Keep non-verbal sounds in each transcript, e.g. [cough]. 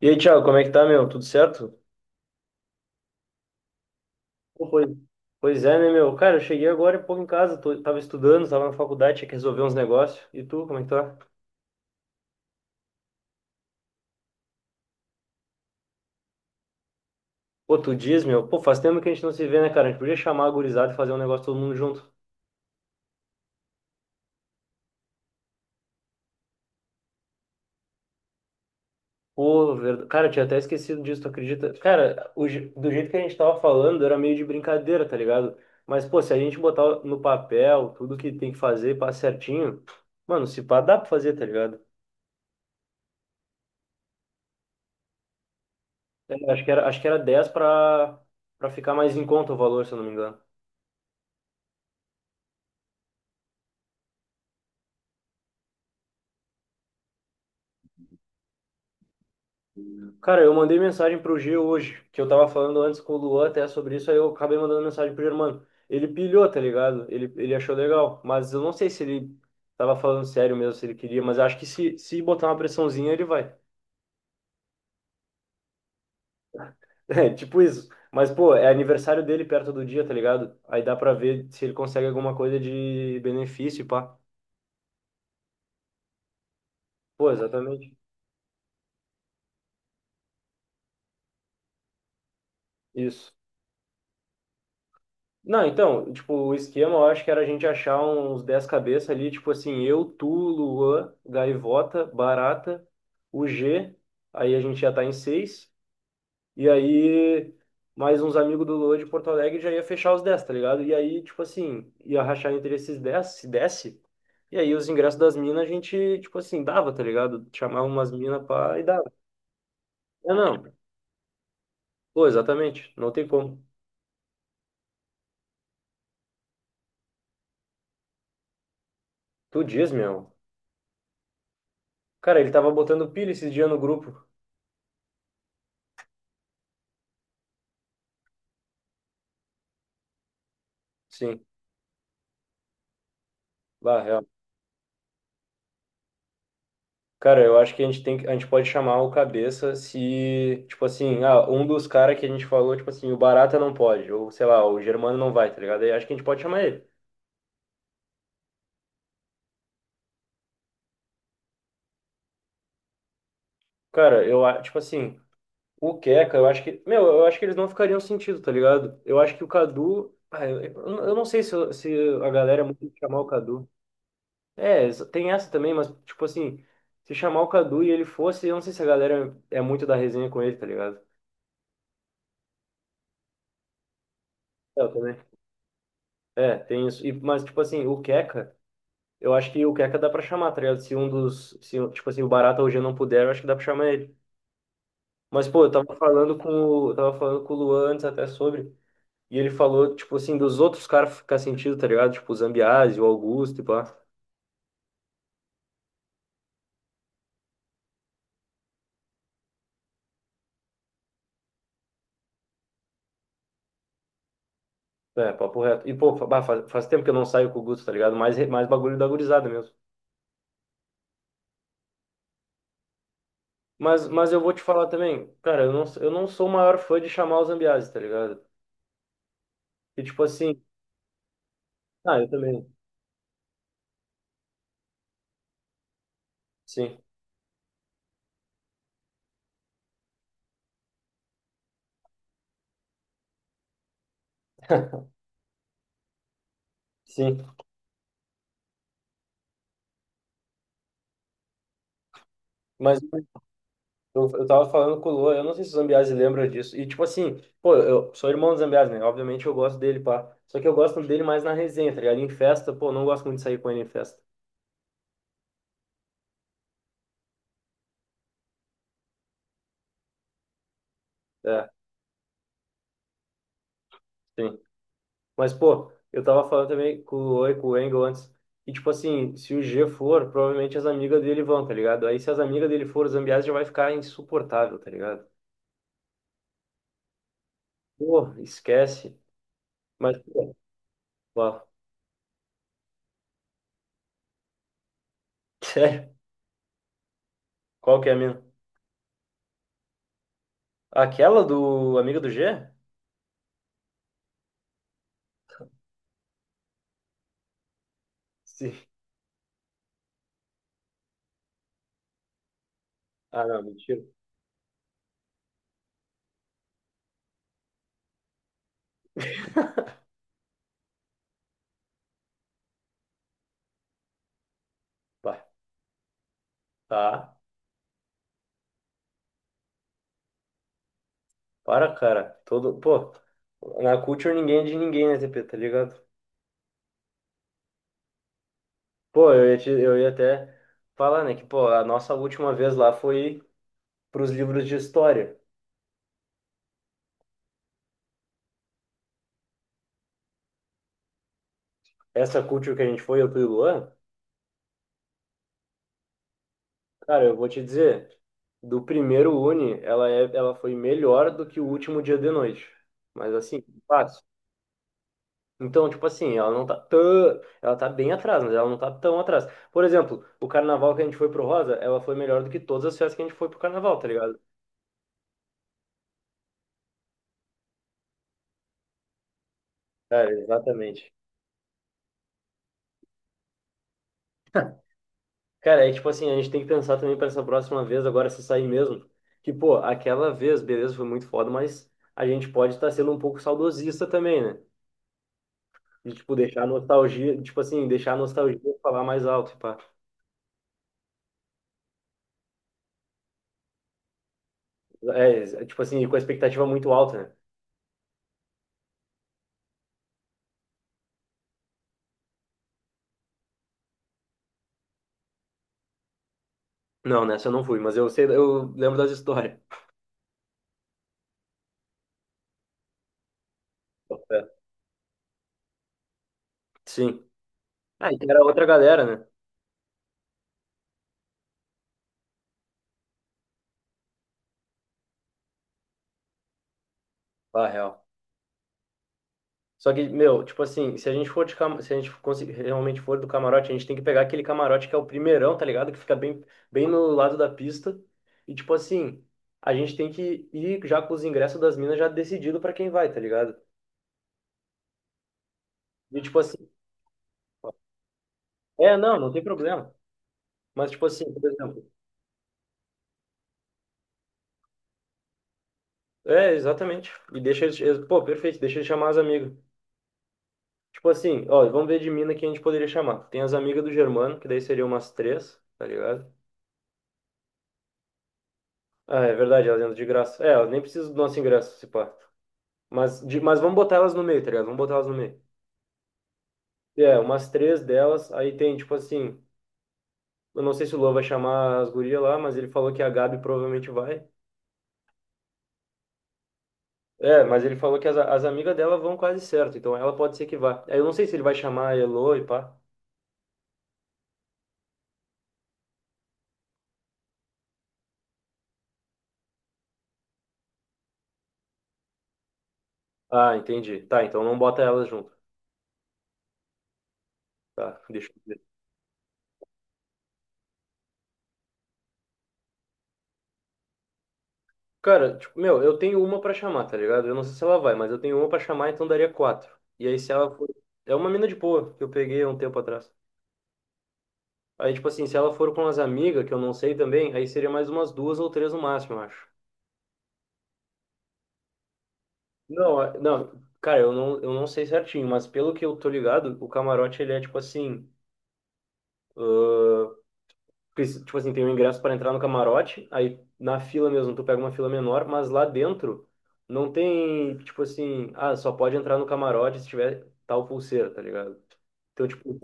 E aí, Thiago, como é que tá, meu? Tudo certo? Pô, pois é, né, meu? Cara, eu cheguei agora há pouco em casa, tava estudando, tava na faculdade, tinha que resolver uns negócios. E tu, como é que tá? Pô, tu diz, meu? Pô, faz tempo que a gente não se vê, né, cara? A gente podia chamar a gurizada e fazer um negócio todo mundo junto. Pô, verdade. Cara, eu tinha até esquecido disso, tu acredita? Cara, do jeito que a gente tava falando, era meio de brincadeira, tá ligado? Mas, pô, se a gente botar no papel tudo que tem que fazer, e pá, certinho, mano, se pá, dá pra fazer, tá ligado? É, acho que era 10 para ficar mais em conta o valor, se eu não me engano. Cara, eu mandei mensagem pro G hoje, que eu tava falando antes com o Luan até sobre isso, aí eu acabei mandando mensagem pro Germano. Ele pilhou, tá ligado? Ele achou legal, mas eu não sei se ele tava falando sério mesmo, se ele queria, mas acho que se botar uma pressãozinha, ele vai. [laughs] É, tipo isso. Mas, pô, é aniversário dele perto do dia, tá ligado? Aí dá pra ver se ele consegue alguma coisa de benefício, e pá. Pô, exatamente. Isso. Não, então, tipo, o esquema eu acho que era a gente achar uns 10 cabeças ali, tipo assim, eu, tu, Luan, Gaivota, Barata, o G, aí a gente já tá em 6, e aí mais uns amigos do Luan de Porto Alegre já ia fechar os 10, tá ligado? E aí, tipo assim, ia rachar entre esses 10, se desse, e aí os ingressos das minas a gente, tipo assim, dava, tá ligado? Chamava umas minas pra e dava. É, não, pô, exatamente, não tem como. Tu diz, meu. Cara, ele tava botando pilha esses dias no grupo. Sim. Bah, real. Cara, eu acho que a gente a gente pode chamar o cabeça se, tipo assim, ah, um dos caras que a gente falou, tipo assim, o Barata não pode, ou sei lá, o Germano não vai, tá ligado? Aí acho que a gente pode chamar ele. Cara, tipo assim, o Keka eu acho que, meu, eu acho que eles não ficariam sentido, tá ligado? Eu acho que o Cadu, ah, eu não sei se a galera é muito de chamar o Cadu. É, tem essa também, mas, tipo assim, se chamar o Cadu e ele fosse, eu não sei se a galera é muito da resenha com ele, tá ligado? Eu também. É, tem isso. E, mas, tipo assim, o keka eu acho que o Keka dá pra chamar, tá ligado? Se um dos. Se, um, tipo assim, o Barata hoje não puder, eu acho que dá pra chamar ele. Mas, pô, eu tava falando com o Luan antes até sobre. E ele falou, tipo assim, dos outros caras ficar sentido, tá ligado? Tipo, o Zambiase, o Augusto e pá. É, papo reto. E, pô, bah, faz tempo que eu não saio com o Gusto, tá ligado? Mais, mais bagulho da gurizada mesmo. Mas eu vou te falar também, cara, eu não sou o maior fã de chamar o Zambiase, tá ligado? E, tipo assim. Ah, eu também. Sim, sim. Mas. Eu tava falando com o Lua, eu não sei se o Zambiase lembra disso. E, tipo assim, pô, eu sou irmão do Zambiase, né? Obviamente eu gosto dele, pá. Só que eu gosto dele mais na resenha, tá ligado? Em festa, pô, não gosto muito de sair com ele em festa. É, sim. Mas, pô, eu tava falando também com o Lua e com o Engel antes. E, tipo assim, se o G for, provavelmente as amigas dele vão, tá ligado? Aí, se as amigas dele for, o Zambiase já vai ficar insuportável, tá ligado? Pô, esquece. Mas, pô, ó, [laughs] sério, qual que é a minha? Aquela do amigo do G? Sim. Ah, não, mentira. Pá. Tá. Para, cara. Todo, pô, na Culture ninguém é de ninguém, né, TP, tá ligado? Pô, eu ia até falar, né, que, pô, a nossa última vez lá foi pros livros de história. Essa Culture que a gente foi, eu fui o Luan, cara, eu vou te dizer, do primeiro Uni, ela foi melhor do que o último dia de noite. Mas assim, fácil. Então, tipo assim, ela não tá tão. Ela tá bem atrás, mas ela não tá tão atrás. Por exemplo, o carnaval que a gente foi pro Rosa, ela foi melhor do que todas as festas que a gente foi pro carnaval, tá ligado? Cara, exatamente. [laughs] Cara, é tipo assim, a gente tem que pensar também para essa próxima vez, agora se sair mesmo, que, pô, aquela vez, beleza, foi muito foda, mas a gente pode estar sendo um pouco saudosista também, né? De, tipo, deixar a nostalgia, tipo assim, deixar a nostalgia falar mais alto, pá. É, tipo assim, com a expectativa muito alta, né? Não, nessa eu não fui, mas eu sei, eu lembro das histórias. É. Sim. Ah, e era outra galera, né? Ah, real. Só que, meu, tipo assim, se a gente for se a gente conseguir, realmente for do camarote, a gente tem que pegar aquele camarote que é o primeirão, tá ligado? Que fica bem, bem no lado da pista. E, tipo assim, a gente tem que ir já com os ingressos das minas já decidido pra quem vai, tá ligado? E, tipo assim, é, não, não tem problema. Mas, tipo assim, por exemplo, é, exatamente. E pô, perfeito, deixa eles chamar as amigas. Tipo assim, ó, vamos ver de mina que a gente poderia chamar. Tem as amigas do Germano, que daí seriam umas três, tá ligado? Ah, é verdade, elas entram de graça. É, elas nem precisam do nosso ingresso, se pá. Mas vamos botar elas no meio, tá ligado? Vamos botar elas no meio. É, umas três delas, aí tem, tipo assim, eu não sei se o Lô vai chamar as gurias lá, mas ele falou que a Gabi provavelmente vai. É, mas ele falou que as amigas dela vão quase certo, então ela pode ser que vá. Aí eu não sei se ele vai chamar a Elô e pá. Ah, entendi. Tá, então não bota elas junto. Tá, deixa eu ver. Cara, tipo, meu, eu tenho uma pra chamar, tá ligado? Eu não sei se ela vai, mas eu tenho uma pra chamar, então daria quatro. E aí se ela for... É uma mina de boa, que eu peguei há um tempo atrás. Aí, tipo assim, se ela for com as amigas, que eu não sei também, aí seria mais umas duas ou três no máximo, eu acho. Não, não, cara, eu não sei certinho, mas pelo que eu tô ligado, o camarote, ele é tipo assim... Porque, tipo assim, tem um ingresso para entrar no camarote, aí na fila mesmo tu pega uma fila menor, mas lá dentro não tem, tipo assim, ah, só pode entrar no camarote se tiver tal pulseira, tá ligado? Então, tipo,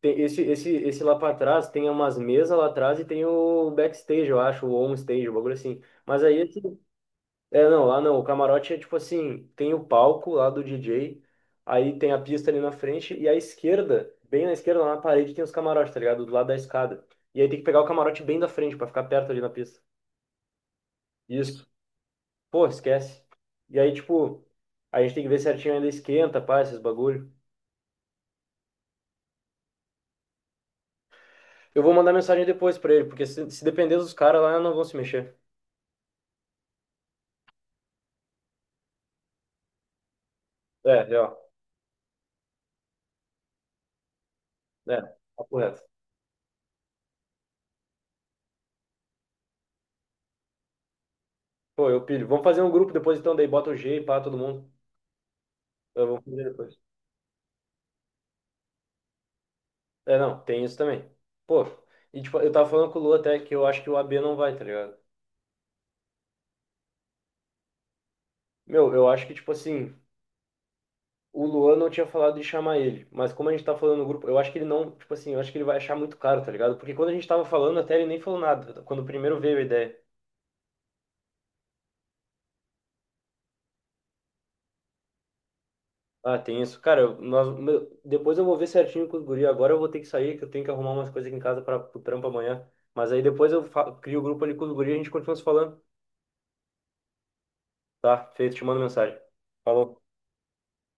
tem esse lá pra trás, tem umas mesas lá atrás e tem o backstage, eu acho, ou on stage, um bagulho assim. Mas aí, assim, é, não, lá não. O camarote é tipo assim, tem o palco lá do DJ, aí tem a pista ali na frente e à esquerda, bem na esquerda, lá na parede tem os camarotes, tá ligado? Do lado da escada. E aí tem que pegar o camarote bem da frente pra ficar perto ali na pista. Isso. Pô, esquece. E aí, tipo, a gente tem que ver certinho ainda esquenta, pá, esses bagulho. Eu vou mandar mensagem depois pra ele, porque se depender dos caras lá, não vão se mexer. É, real. É, papo reto. Pô, eu pilho. Vamos fazer um grupo depois então, daí bota o G e pá, todo mundo. Eu vou fazer depois. É, não, tem isso também. Pô, e tipo, eu tava falando com o Lu até que eu acho que o AB não vai, tá ligado? Meu, eu acho que, tipo assim, o Luan não tinha falado de chamar ele, mas como a gente tá falando no grupo, eu acho que ele não, tipo assim, eu acho que ele vai achar muito caro, tá ligado? Porque quando a gente tava falando, até ele nem falou nada, quando primeiro veio a ideia. Ah, tem isso. Cara, nós, meu, depois eu vou ver certinho com os guri. Agora eu vou ter que sair, que eu tenho que arrumar umas coisas aqui em casa para o trampo amanhã. Mas aí depois eu crio o grupo ali com os guri e a gente continua se falando. Tá, feito, te mando mensagem. Falou.